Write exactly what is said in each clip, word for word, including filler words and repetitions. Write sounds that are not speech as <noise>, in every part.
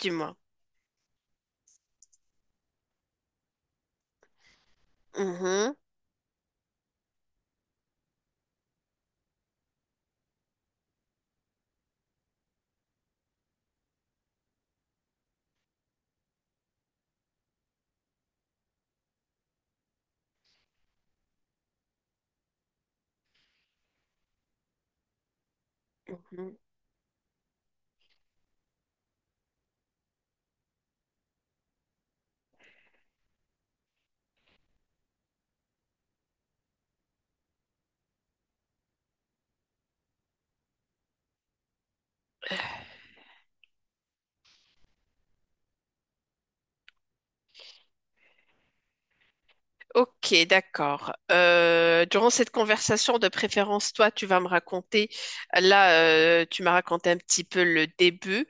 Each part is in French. Dis-moi. Mhm, mhm. Ok, d'accord. Euh, durant cette conversation, de préférence, toi, tu vas me raconter. Là, euh, tu m'as raconté un petit peu le début.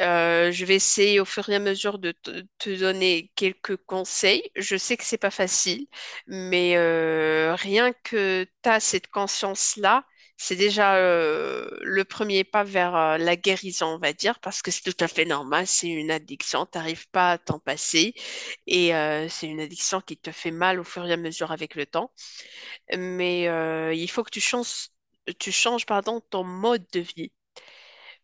Euh, je vais essayer au fur et à mesure de te te donner quelques conseils. Je sais que c'est pas facile, mais euh, rien que tu as cette conscience-là, c'est déjà euh, le premier pas vers euh, la guérison, on va dire, parce que c'est tout à fait normal. C'est une addiction. T'arrives pas à t'en passer. Et euh, c'est une addiction qui te fait mal au fur et à mesure avec le temps. Mais euh, il faut que tu changes, tu changes, pardon, ton mode de vie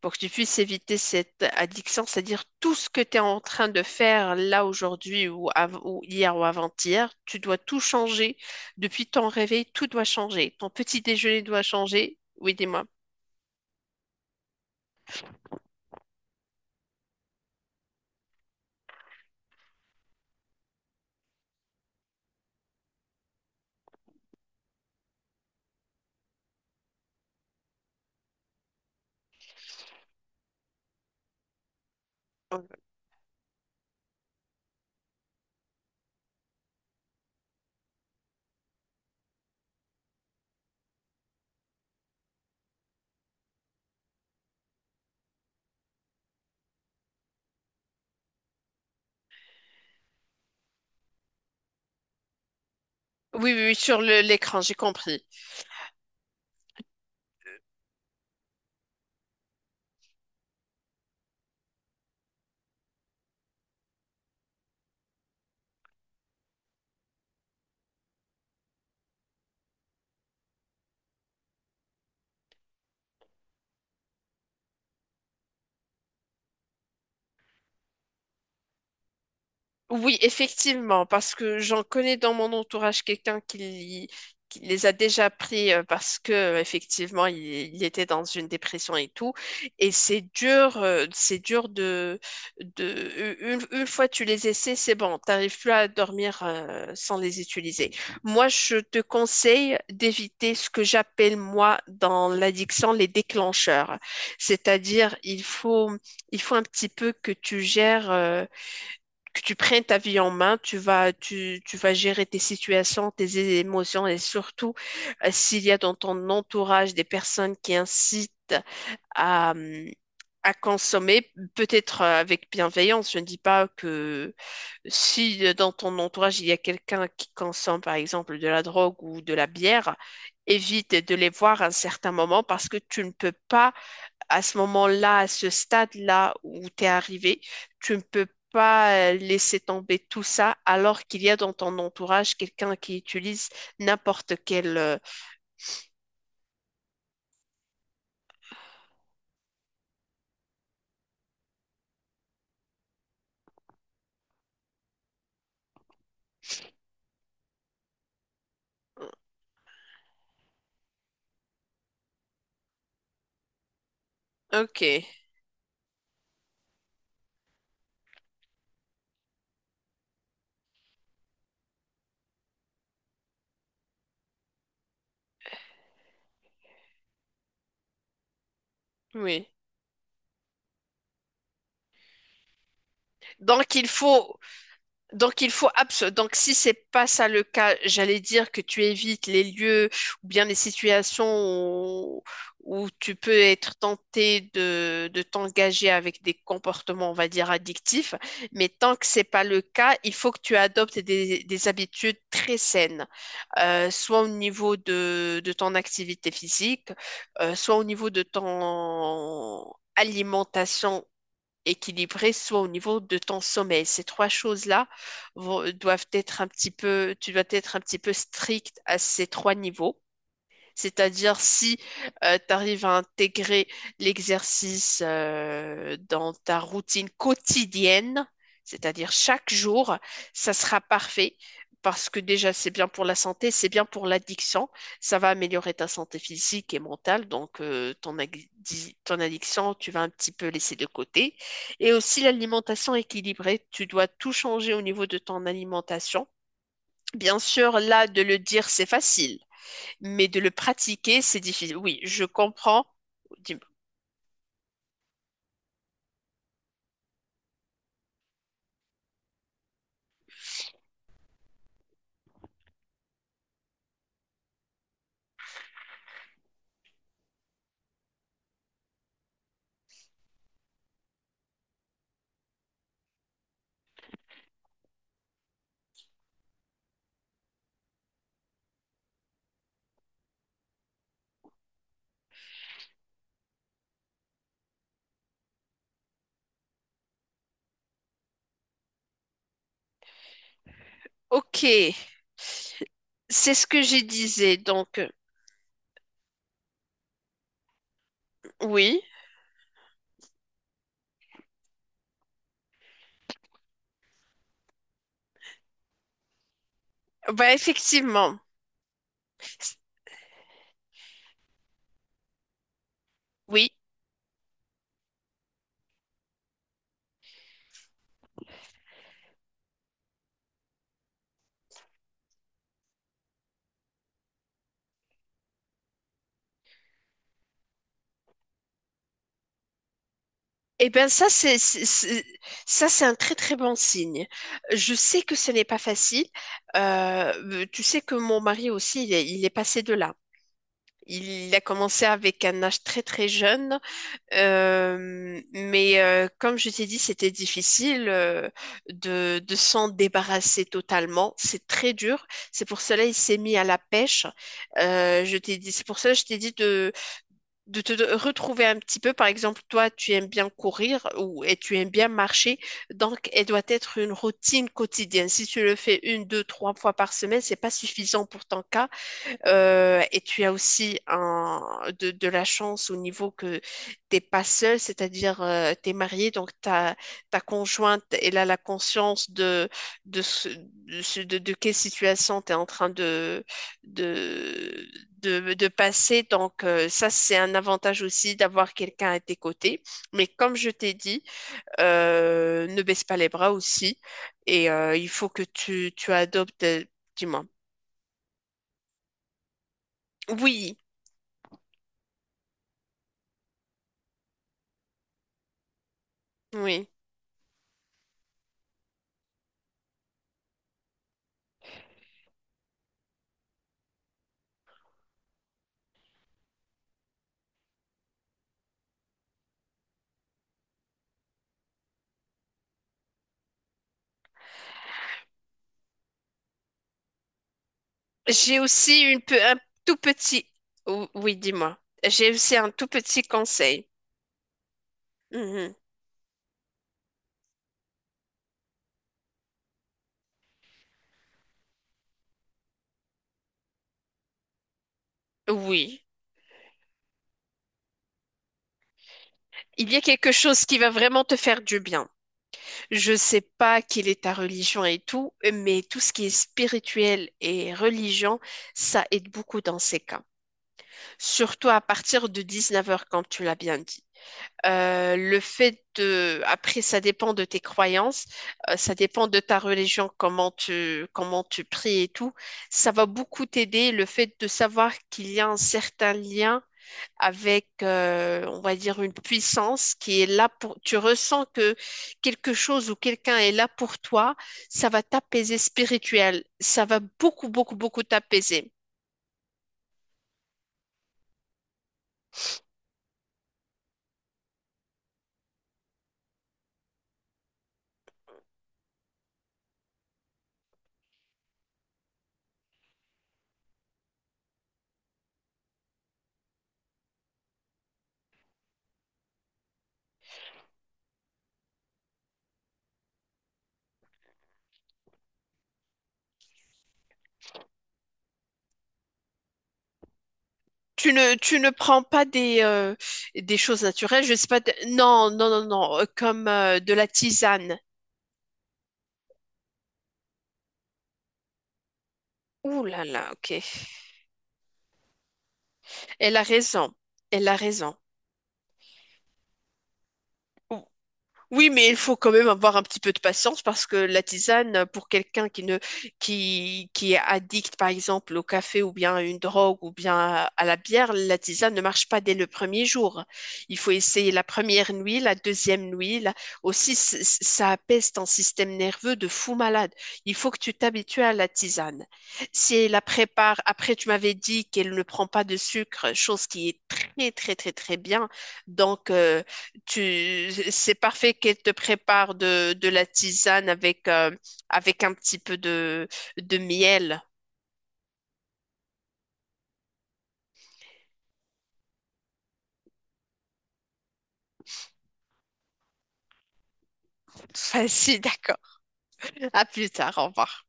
pour que tu puisses éviter cette addiction, c'est-à-dire tout ce que tu es en train de faire là aujourd'hui ou, av- ou hier ou avant-hier, tu dois tout changer. Depuis ton réveil, tout doit changer. Ton petit déjeuner doit changer. Oui, dis-moi. Oui, oui, oui, sur le- l'écran, j'ai compris. Oui, effectivement, parce que j'en connais dans mon entourage quelqu'un qui, qui les a déjà pris euh, parce que euh, effectivement il, il était dans une dépression et tout. Et c'est dur, euh, c'est dur de, de une, une fois tu les essaies, c'est bon, t'arrives plus à dormir euh, sans les utiliser. Moi, je te conseille d'éviter ce que j'appelle moi dans l'addiction les déclencheurs. C'est-à-dire, il faut, il faut un petit peu que tu gères. euh, que tu prennes ta vie en main, tu vas, tu, tu vas gérer tes situations, tes émotions et surtout euh, s'il y a dans ton entourage des personnes qui incitent à, hum, à consommer, peut-être euh, avec bienveillance. Je ne dis pas que si euh, dans ton entourage il y a quelqu'un qui consomme par exemple de la drogue ou de la bière, évite de les voir à un certain moment parce que tu ne peux pas à ce moment-là, à ce stade-là où tu es arrivé, tu ne peux pas euh, laisser tomber tout ça alors qu'il y a dans ton entourage quelqu'un qui utilise n'importe quel... euh, Ok, oui. Donc il faut. Donc il faut abso- donc si c'est pas ça le cas, j'allais dire que tu évites les lieux ou bien les situations où, où tu peux être tenté de, de t'engager avec des comportements, on va dire, addictifs. Mais tant que c'est pas le cas, il faut que tu adoptes des, des habitudes très saines, euh, soit au niveau de, de ton activité physique, euh, soit au niveau de ton alimentation équilibré, soit au niveau de ton sommeil. Ces trois choses-là vont- doivent être un petit peu, tu dois être un petit peu strict à ces trois niveaux. C'est-à-dire si tu arrives à intégrer l'exercice euh, dans ta routine quotidienne, c'est-à-dire chaque jour, ça sera parfait parce que déjà c'est bien pour la santé, c'est bien pour l'addiction, ça va améliorer ta santé physique et mentale, donc euh, ton, addi, ton addiction, tu vas un petit peu laisser de côté. Et aussi l'alimentation équilibrée, tu dois tout changer au niveau de ton alimentation. Bien sûr, là, de le dire, c'est facile mais de le pratiquer, c'est difficile. Oui, je comprends. Dis- Ok, c'est ce que je disais. Donc, euh, oui, bah effectivement, oui. Eh bien, ça, c'est, c'est- c'est- ça, c'est un très, très bon signe. Je sais que ce n'est pas facile. Euh, tu sais que mon mari aussi, il est, il est passé de là. Il a commencé avec un âge très, très jeune. Euh, mais euh, comme je t'ai dit, c'était difficile euh, de, de s'en débarrasser totalement. C'est très dur. C'est pour cela il s'est mis à la pêche. Euh, je t'ai dit, c'est pour cela je t'ai dit de, de te de- retrouver un petit peu. Par exemple, toi, tu aimes bien courir ou et tu aimes bien marcher. Donc, elle doit être une routine quotidienne. Si tu le fais une, deux, trois fois par semaine, c'est pas suffisant pour ton cas. Euh, et tu as aussi un, de, de la chance au niveau que t'es pas seul, c'est-à-dire euh, t'es marié, donc ta, ta conjointe, elle a la conscience de, de, ce- de, ce- de- de quelle situation tu es en train de, de, de, de passer. Donc euh, ça, c'est un avantage aussi d'avoir quelqu'un à tes côtés. Mais comme je t'ai dit, euh, ne baisse pas les bras aussi. Et euh, il faut que tu, tu adoptes, euh, dis-moi. Oui, oui. J'ai aussi une pe- un tout petit. Ou- Oui, dis-moi. J'ai aussi un tout petit conseil. Mhm. Oui. Il y a quelque chose qui va vraiment te faire du bien. Je sais pas quelle est ta religion et tout, mais tout ce qui est spirituel et religion, ça aide beaucoup dans ces cas. Surtout à partir de dix-neuf heures comme tu l'as bien dit. Euh, le fait de, après, ça dépend de tes croyances, euh, ça dépend de ta religion, comment tu, comment tu pries et tout. Ça va beaucoup t'aider le fait de savoir qu'il y a un certain lien avec, euh, on va dire, une puissance qui est là pour, tu ressens que quelque chose ou quelqu'un est là pour toi, ça va t'apaiser spirituel, ça va beaucoup, beaucoup, beaucoup t'apaiser. Tu ne, tu ne prends pas des, euh, des choses naturelles, je sais pas. De- Non, non, non, non, euh, comme euh, de la tisane. Ouh là là, ok. Elle a raison. Elle a raison. Oui, mais il faut quand même avoir un petit peu de patience parce que la tisane, pour quelqu'un qui ne, qui, qui est addict, par exemple, au café ou bien à une drogue ou bien à à la bière, la tisane ne marche pas dès le premier jour. Il faut essayer la première nuit, la deuxième nuit. La- Aussi, c- c- ça apaise ton système nerveux de fou malade. Il faut que tu t'habitues à la tisane. Si elle la prépare, après, tu m'avais dit qu'elle ne prend pas de sucre, chose qui est très, très, très, très bien. Donc, euh, tu, c'est parfait qu'elle te prépare de, de la tisane avec, euh, avec un petit peu de, de miel. <laughs> Vas-y, d'accord. À plus tard, au revoir.